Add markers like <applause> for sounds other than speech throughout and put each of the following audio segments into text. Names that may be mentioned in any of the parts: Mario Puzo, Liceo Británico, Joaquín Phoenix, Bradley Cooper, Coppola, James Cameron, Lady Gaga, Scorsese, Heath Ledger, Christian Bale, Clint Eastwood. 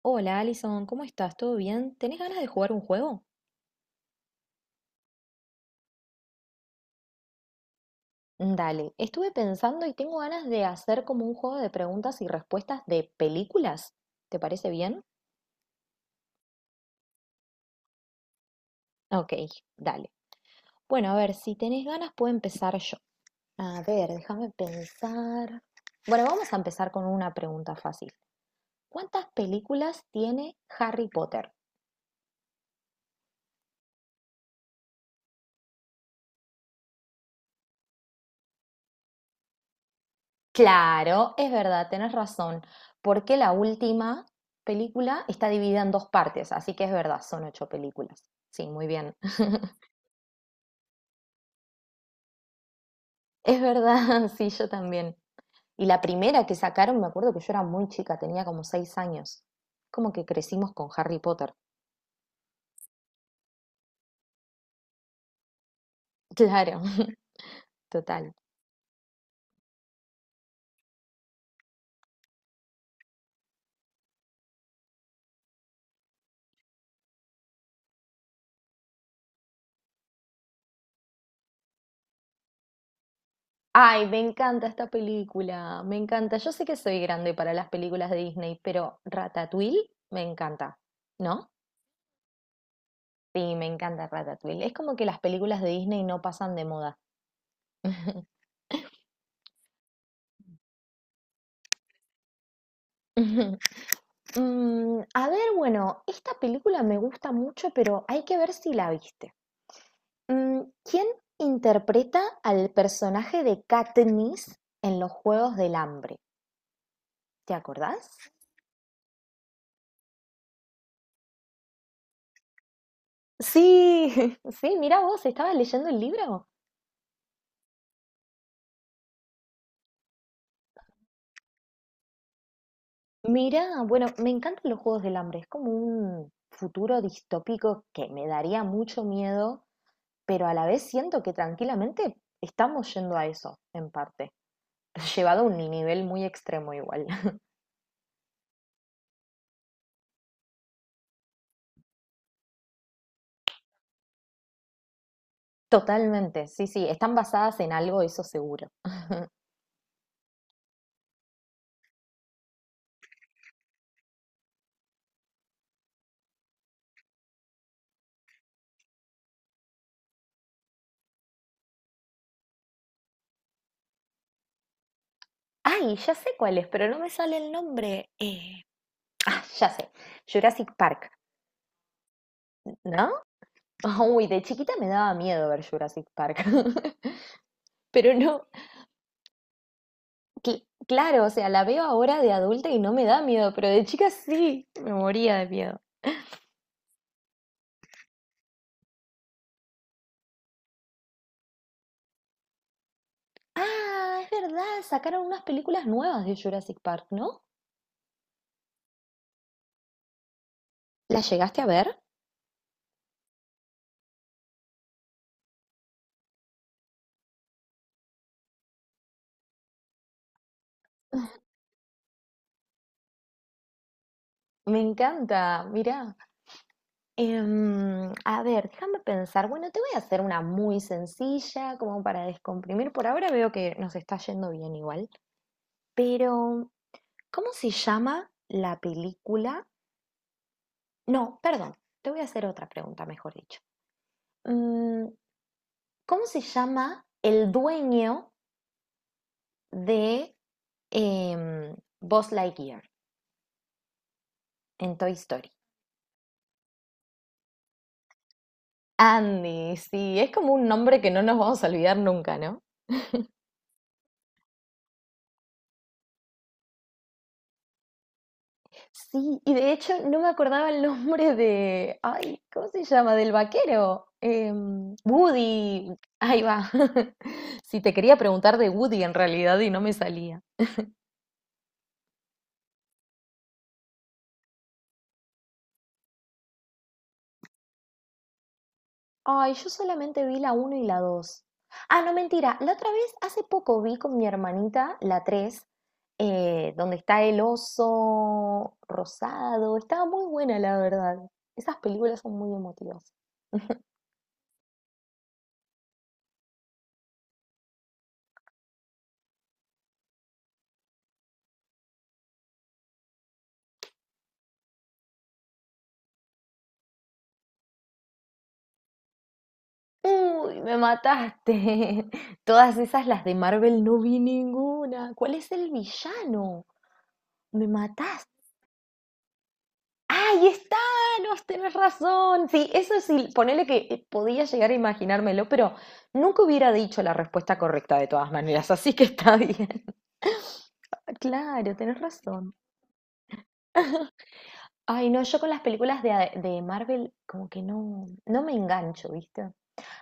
Hola Alison, ¿cómo estás? ¿Todo bien? ¿Tenés ganas de jugar un juego? Dale, estuve pensando y tengo ganas de hacer como un juego de preguntas y respuestas de películas. ¿Te parece bien? Ok, dale. Bueno, a ver, si tenés ganas puedo empezar yo. A ver, déjame pensar. Bueno, vamos a empezar con una pregunta fácil. ¿Cuántas películas tiene Harry Potter? Claro, es verdad, tenés razón, porque la última película está dividida en dos partes, así que es verdad, son 8 películas. Sí, muy bien. <laughs> Es verdad, <laughs> sí, yo también. Y la primera que sacaron, me acuerdo que yo era muy chica, tenía como 6 años. Como que crecimos con Harry Potter. Claro, <laughs> total. Ay, me encanta esta película, me encanta. Yo sé que soy grande para las películas de Disney, pero Ratatouille me encanta, ¿no? Sí, me encanta Ratatouille. Es como que las películas de Disney no pasan de moda. <laughs> A ver, bueno, esta película me gusta mucho, pero hay que ver si la viste. ¿Quién interpreta al personaje de Katniss en los Juegos del Hambre? ¿Te acordás? Sí, <laughs> sí, mira vos, estabas leyendo el libro. Mira, bueno, me encantan los Juegos del Hambre, es como un futuro distópico que me daría mucho miedo pero a la vez siento que tranquilamente estamos yendo a eso, en parte, <laughs> llevado a un nivel muy extremo igual. <laughs> Totalmente, sí, sí, están basadas en algo, eso seguro. Ay, ya sé cuál es, pero no me sale el nombre. Ah, ya sé, Jurassic Park, ¿no? <laughs> Uy, de chiquita me daba miedo ver Jurassic Park. <laughs> Pero no, claro, o sea, la veo ahora de adulta y no me da miedo, pero de chica sí, me moría de miedo. Ah, es verdad, sacaron unas películas nuevas de Jurassic Park, ¿no? ¿La llegaste a ver? Me encanta, mirá. A ver, déjame pensar. Bueno, te voy a hacer una muy sencilla, como para descomprimir. Por ahora veo que nos está yendo bien igual. Pero, ¿cómo se llama la película? No, perdón, te voy a hacer otra pregunta, mejor dicho. Mm, ¿Cómo se llama el dueño de em, Buzz Lightyear en Toy Story? Andy, sí, es como un nombre que no nos vamos a olvidar nunca, ¿no? Sí, y de hecho no me acordaba el nombre de, ay, ¿cómo se llama? Del vaquero. Woody. Ahí va. <laughs> Si te quería preguntar de Woody en realidad y no me salía. Ay, yo solamente vi la uno y la 2. Ah, no, mentira. La otra vez, hace poco vi con mi hermanita la 3, donde está el oso rosado. Estaba muy buena, la verdad. Esas películas son muy emotivas. Uy, me mataste. <laughs> Todas esas, las de Marvel, no vi ninguna. ¿Cuál es el villano? Me mataste. ¡Ay, es Thanos! Tenés razón. Sí, eso sí, ponele que podía llegar a imaginármelo, pero nunca hubiera dicho la respuesta correcta de todas maneras, así que está bien. <laughs> Claro, tenés razón. Ay, no, yo con las películas de Marvel como que no, no me engancho, ¿viste?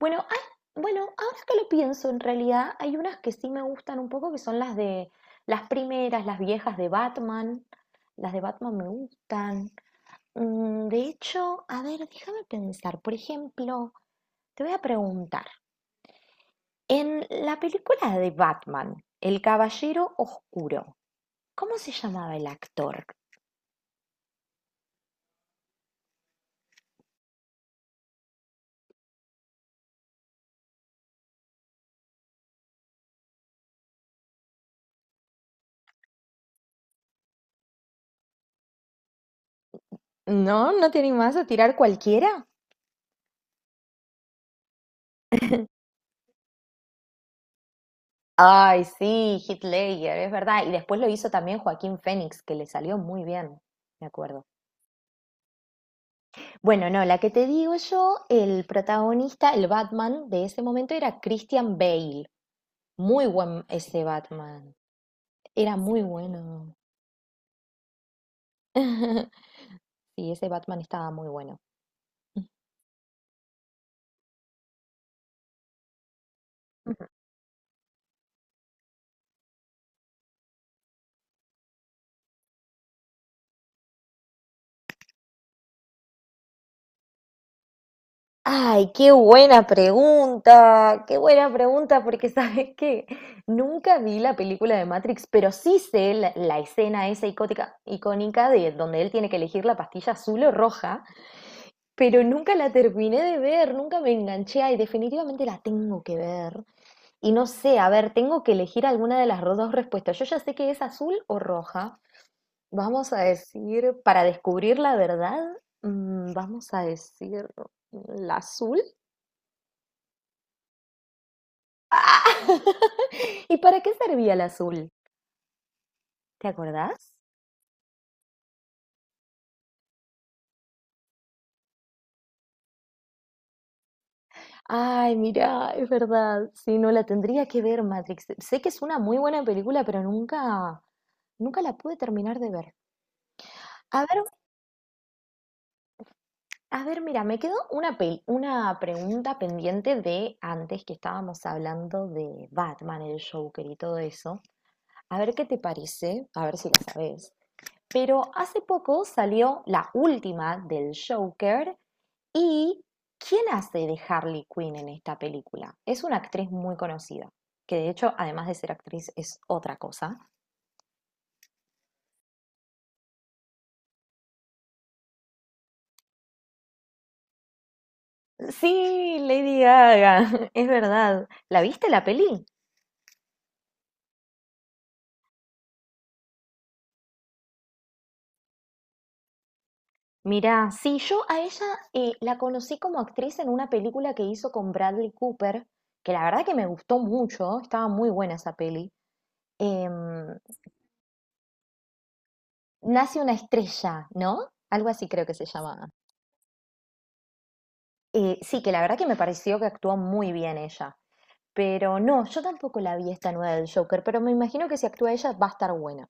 Bueno, bueno, ahora que lo pienso, en realidad hay unas que sí me gustan un poco, que son las de las primeras, las viejas de Batman. Las de Batman me gustan. De hecho, a ver, déjame pensar. Por ejemplo, te voy a preguntar, en la película de Batman, El Caballero Oscuro, ¿cómo se llamaba el actor? ¿No? ¿No te animás a tirar cualquiera? <laughs> Ay, sí, Heath Ledger, es verdad. Y después lo hizo también Joaquín Phoenix, que le salió muy bien, me acuerdo. Bueno, no, la que te digo yo, el protagonista, el Batman de ese momento era Christian Bale. Muy buen ese Batman. Era muy bueno. <laughs> Sí, ese Batman estaba muy bueno. Ay, qué buena pregunta, porque <laughs> ¿sabes qué? Nunca vi la película de Matrix, pero sí sé la, la escena esa icótica, icónica de donde él tiene que elegir la pastilla azul o roja, pero nunca la terminé de ver, nunca me enganché y definitivamente la tengo que ver. Y no sé, a ver, tengo que elegir alguna de las dos respuestas. Yo ya sé que es azul o roja. Vamos a decir, para descubrir la verdad, vamos a decir la azul. Ah, <laughs> ¿Y para qué servía el azul? ¿Te acordás? Ay, mira, es verdad. Sí, no la tendría que ver Matrix. Sé que es una muy buena película, pero nunca, nunca la pude terminar de ver. A ver, a ver, mira, me quedó una una pregunta pendiente de antes que estábamos hablando de Batman, el Joker y todo eso. A ver qué te parece, a ver si la sabes. Pero hace poco salió la última del Joker. ¿Y quién hace de Harley Quinn en esta película? Es una actriz muy conocida, que de hecho, además de ser actriz, es otra cosa. Sí, Lady Gaga, <laughs> es verdad. ¿La viste la peli? Mirá, sí, yo a ella la conocí como actriz en una película que hizo con Bradley Cooper, que la verdad que me gustó mucho, estaba muy buena esa peli. Em, Nace una estrella, ¿no? Algo así creo que se llama. Sí, que la verdad que me pareció que actuó muy bien ella. Pero no, yo tampoco la vi esta nueva del Joker, pero me imagino que si actúa ella va a estar buena.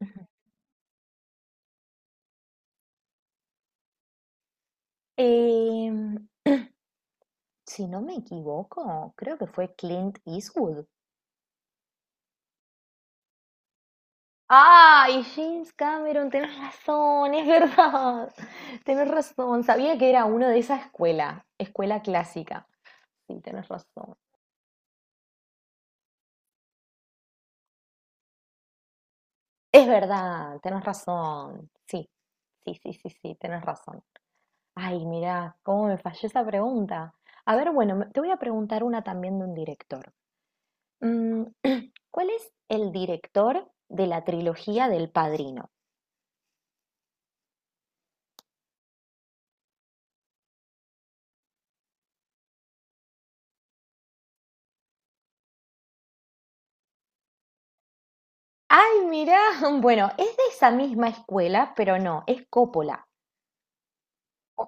Ujú. Em, si no me equivoco, creo que fue Clint Eastwood. Ah, y James Cameron, tenés razón, es verdad. <laughs> Tenés razón, sabía que era uno de esa escuela, escuela clásica. Sí, tenés razón. Es verdad, tenés razón. Sí, sí, tenés razón. Ay, mirá, cómo me falló esa pregunta. A ver, bueno, te voy a preguntar una también de un director. Mm, <clears throat> ¿cuál es el director de la trilogía del Padrino? Ay, mirá, <laughs> bueno, es de esa misma escuela, pero no, es Coppola. ¿O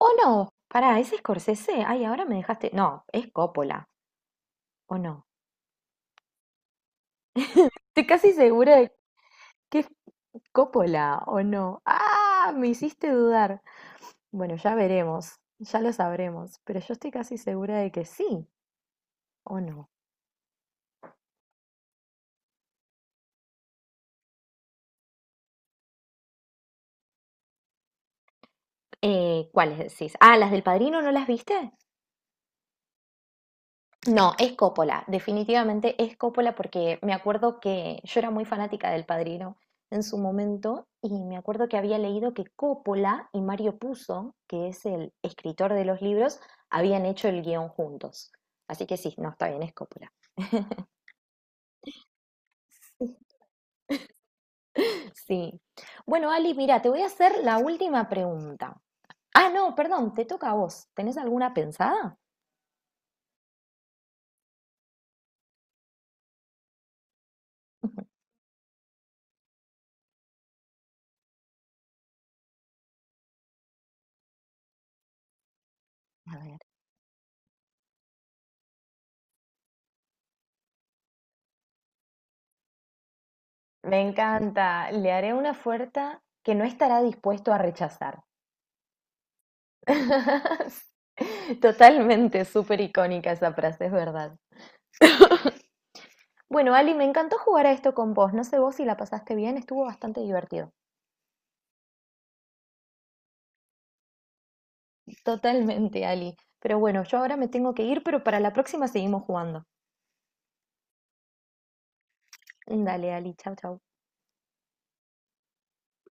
no? Pará, ¿es Scorsese? Ay, ahora me dejaste. No, es Coppola, ¿o no? Estoy casi segura de que es Coppola o no. Ah, me hiciste dudar. Bueno, ya veremos, ya lo sabremos, pero yo estoy casi segura de que sí o no. ¿Cuáles decís? Ah, ¿las del Padrino no las viste? No, es Coppola, definitivamente es Coppola porque me acuerdo que yo era muy fanática del Padrino en su momento y me acuerdo que había leído que Coppola y Mario Puzo, que es el escritor de los libros, habían hecho el guión juntos. Así que sí, no, está bien, es Coppola. <laughs> Sí. Bueno, Ali, mira, te voy a hacer la última pregunta. Ah, no, perdón, te toca a vos. ¿Tenés alguna pensada? <laughs> A ver, me encanta. Le haré una oferta que no estará dispuesto a rechazar. <laughs> Totalmente, súper icónica esa frase, es verdad. Bueno, Ali, me encantó jugar a esto con vos. No sé vos si la pasaste bien, estuvo bastante divertido. Totalmente, Ali. Pero bueno, yo ahora me tengo que ir, pero para la próxima seguimos jugando. Dale, Ali, chau, chau.